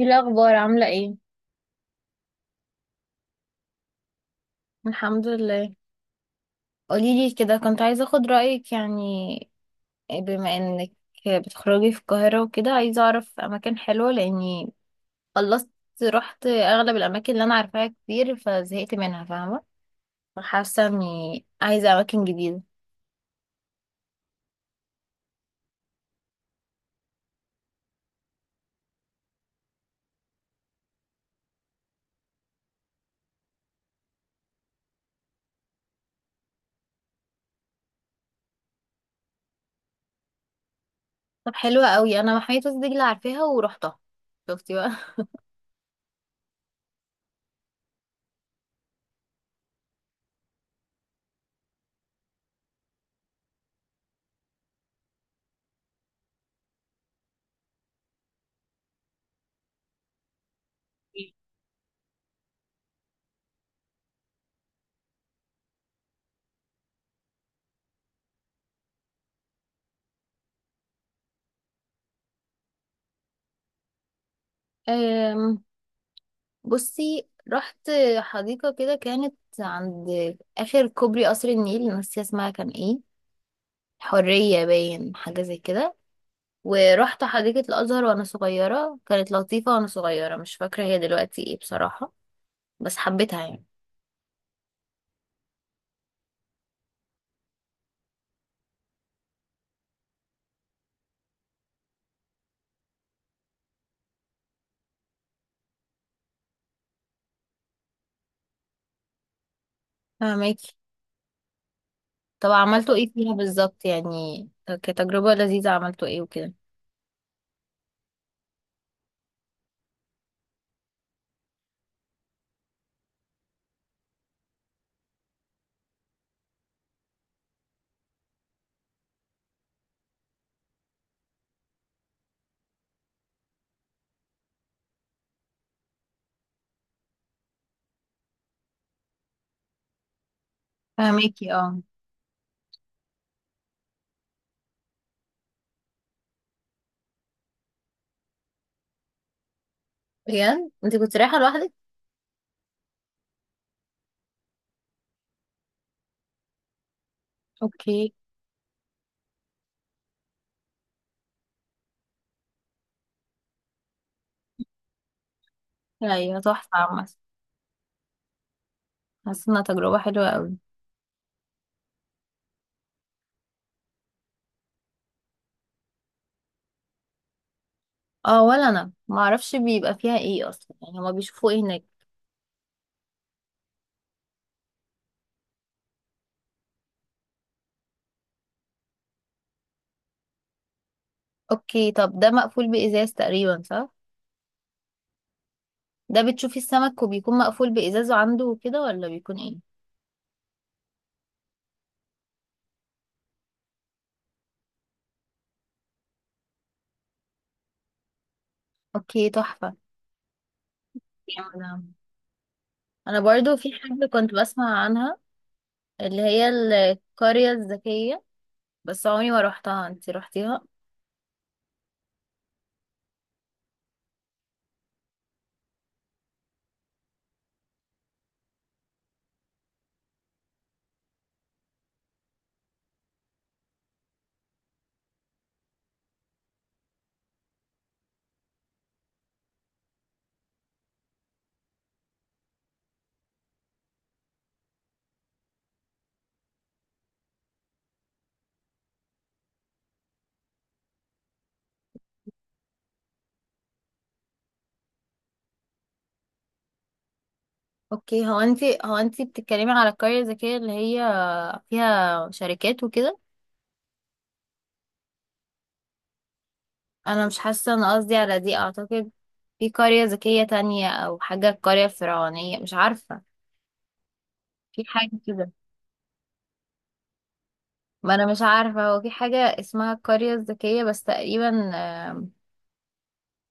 ايه الاخبار؟ عامله ايه؟ الحمد لله. قوليلي كده، كنت عايزه اخد رايك يعني، بما انك بتخرجي في القاهره وكده، عايزه اعرف اماكن حلوه لاني خلصت. رحت اغلب الاماكن اللي انا عارفاها كتير فزهقت منها، فاهمه؟ فحاسه اني عايزه اماكن جديده. طب حلوه قوي، انا محميه وسط دجله عارفاها ورحتها. شفتي بقى؟ أم، بصي، رحت حديقه كده كانت عند اخر كوبري قصر النيل، ناسيه اسمها كان ايه، حرية باين حاجة زي كده. ورحت حديقة الأزهر وأنا صغيرة، كانت لطيفة وأنا صغيرة، مش فاكرة هي دلوقتي ايه بصراحة، بس حبيتها يعني. فهماكي؟ طب عملتوا ايه فيها بالظبط يعني؟ كتجربة لذيذة عملتوا ايه وكده؟ فهماكي، اه. بجد؟ انت كنت رايحة لوحدك؟ اوكي. ايوه تحفة عامة. حاسة انها تجربة حلوة قوي. اه، ولا انا معرفش بيبقى فيها ايه اصلا. يعني هما بيشوفوا ايه هناك؟ اوكي، طب ده مقفول بإزاز تقريبا، صح؟ ده بتشوفي السمك وبيكون مقفول بإزازه عنده وكده، ولا بيكون ايه؟ اوكي، تحفة. انا أنا برضو في حاجة كنت بسمع عنها، اللي هي القرية الذكية، بس عمري ما روحتها. انتي روحتيها؟ اوكي، هو انتي بتتكلمي على القرية الذكية اللي هي فيها شركات وكده؟ انا مش حاسة، انا قصدي على دي اعتقد. في قرية ذكية تانية او حاجة، القرية الفرعونية، مش عارفة، في حاجة كده. ما انا مش عارفة هو في حاجة اسمها القرية الذكية بس، تقريبا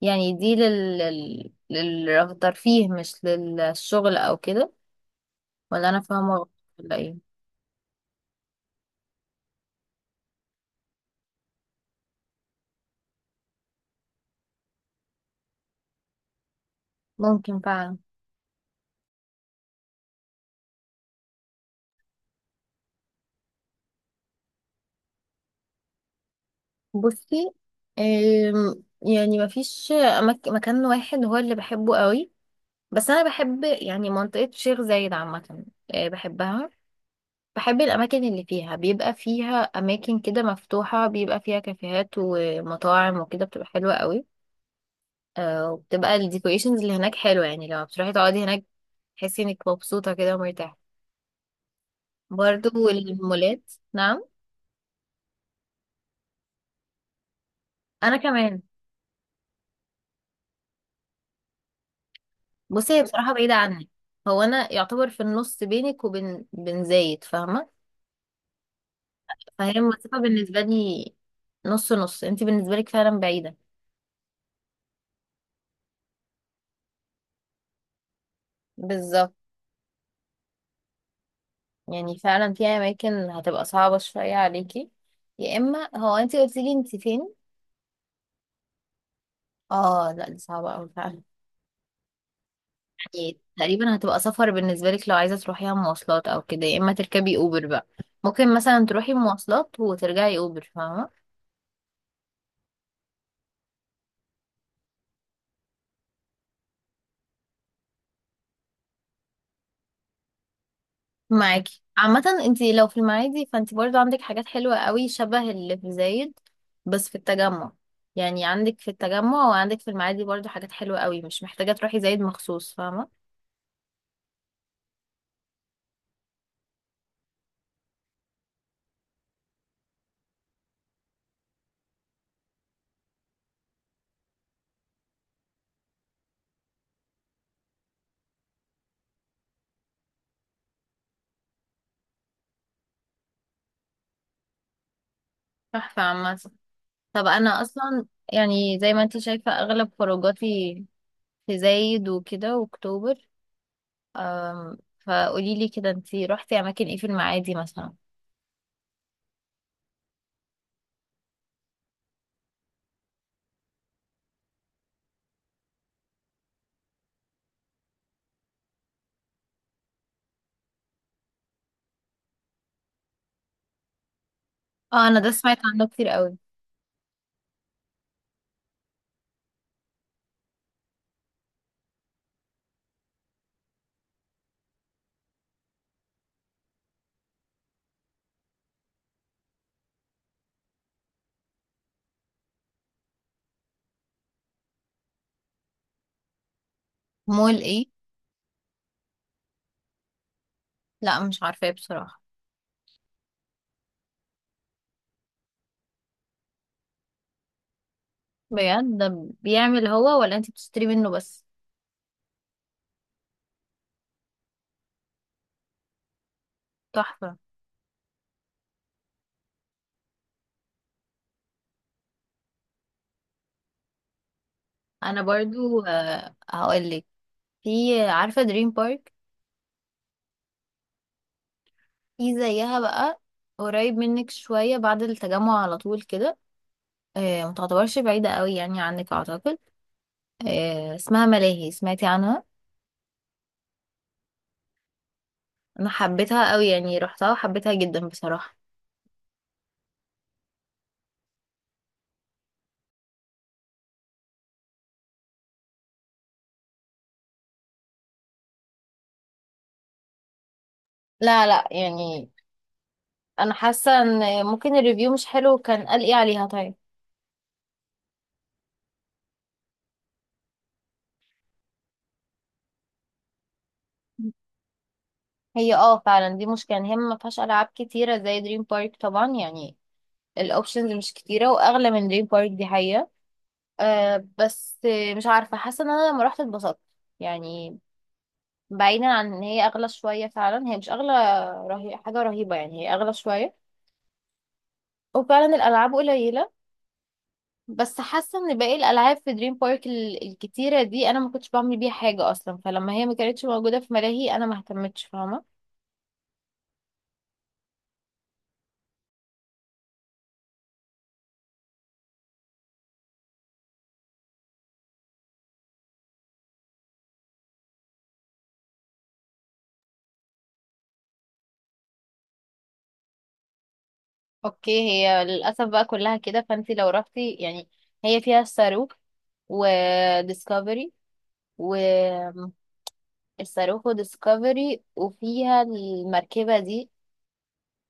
يعني دي للترفيه مش للشغل او كده؟ ولا انا فاهمه غلط؟ ولا ايه؟ ممكن فعلا. بصي، يعني مفيش مكان واحد هو اللي بحبه قوي، بس انا بحب يعني منطقه شيخ زايد عامه، بحبها. بحب الاماكن اللي فيها بيبقى فيها اماكن كده مفتوحه، بيبقى فيها كافيهات ومطاعم وكده، بتبقى حلوه قوي. وبتبقى الديكوريشنز اللي هناك حلوه، يعني لما بتروحي تقعدي هناك تحسي انك مبسوطة كده ومرتاحة. برضو المولات، نعم. انا كمان. بصي، هي بصراحه بعيده عني، هو انا يعتبر في النص بينك وبين زايد، فاهمه؟ فهي المسافه بالنسبه لي نص نص، انت بالنسبه لك فعلا بعيده. بالظبط. يعني فعلا في اماكن هتبقى صعبه شويه عليكي، يا اما، هو انت قلتي لي انت فين؟ اه، لا دي صعبه قوي فعلا. يعني تقريبا هتبقى سفر بالنسبه لك لو عايزه تروحيها مواصلات او كده، يا اما تركبي اوبر بقى. ممكن مثلا تروحي مواصلات وترجعي اوبر، فاهمه؟ معاكي عامة، انتي لو في المعادي فانتي برضو عندك حاجات حلوة قوي شبه اللي في زايد، بس في التجمع. يعني عندك في التجمع وعندك في المعادي برضو حاجات حلوة قوي، مش محتاجة تروحي زايد مخصوص، فاهمة؟ تحفة عامة. طب انا اصلا يعني زي ما انتي شايفة اغلب خروجاتي في زايد وكده واكتوبر. أم، فقولي لي كده، انتي روحتي اماكن ايه في المعادي مثلا؟ اه انا ده سمعت عنه كتير قوي. مول ايه؟ لا مش عارفة ايه بصراحة. بجد؟ ده بيعمل هو ولا انتي بتشتري منه بس؟ تحفة. انا برضو هقول لك، في عارفة دريم بارك؟ في زيها بقى قريب منك شوية بعد التجمع على طول كده، ما تعتبرش بعيدة قوي يعني عنك، اعتقد. اسمها ملاهي، سمعتي عنها؟ انا حبيتها قوي، يعني رحتها وحبيتها جدا بصراحة. لا لا يعني، انا حاسة ان ممكن الريفيو مش حلو، كان قال ايه عليها طيب؟ هي اه فعلا، دي مشكلة إن هي ما فيهاش ألعاب كتيرة زي دريم بارك طبعا. يعني الأوبشنز مش كتيرة وأغلى من دريم بارك، دي حقيقة. أه بس مش عارفة، حاسة ان انا لما رحت اتبسطت يعني. بعيدا عن ان هي اغلى شوية، فعلا هي مش حاجة رهيبة، يعني هي اغلى شوية وفعلا الالعاب قليلة، بس حاسة ان باقي الالعاب في دريم بارك الكتيرة دي انا ما كنتش بعمل بيها حاجة اصلا، فلما هي ما كانتش موجودة في ملاهي انا ما اهتمتش، فاهمة؟ اوكي، هي للاسف بقى كلها كده، فانتي لو رحتي يعني. هي فيها الصاروخ وديسكفري، الصاروخ ديسكفري، وفيها المركبة دي،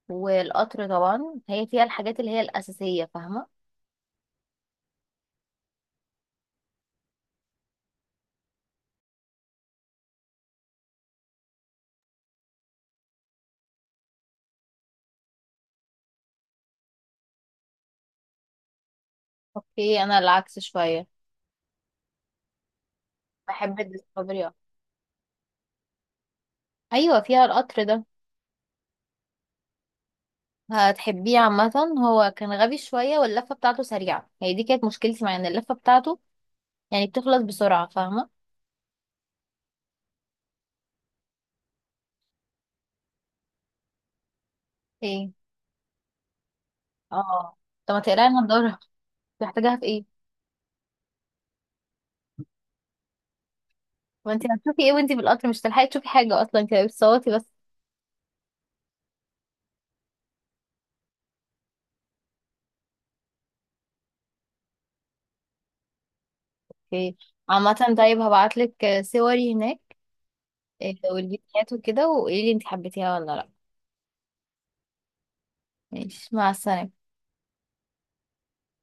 والقطر طبعا. هي فيها الحاجات اللي هي الأساسية، فاهمة؟ اوكي. انا العكس شوية، بحب الديسكفري أكتر. ايوه فيها القطر ده، هتحبيه عامة. هو كان غبي شوية واللفة بتاعته سريعة، هي دي كانت مشكلتي، مع ان اللفة بتاعته يعني بتخلص بسرعة، فاهمة؟ ايه؟ اه، طب ما تقراي، انا الدورة محتاجاها في ايه؟ ما انت هتشوفي ايه وانت في القطر؟ مش هتلحقي تشوفي حاجة اصلا، انت بتصوتي بس. اوكي عامة، طيب هبعتلك صوري هناك، والفيديوهات وكده، وقولي لي انت حبيتيها ولا لا. ماشي، مع السلامة.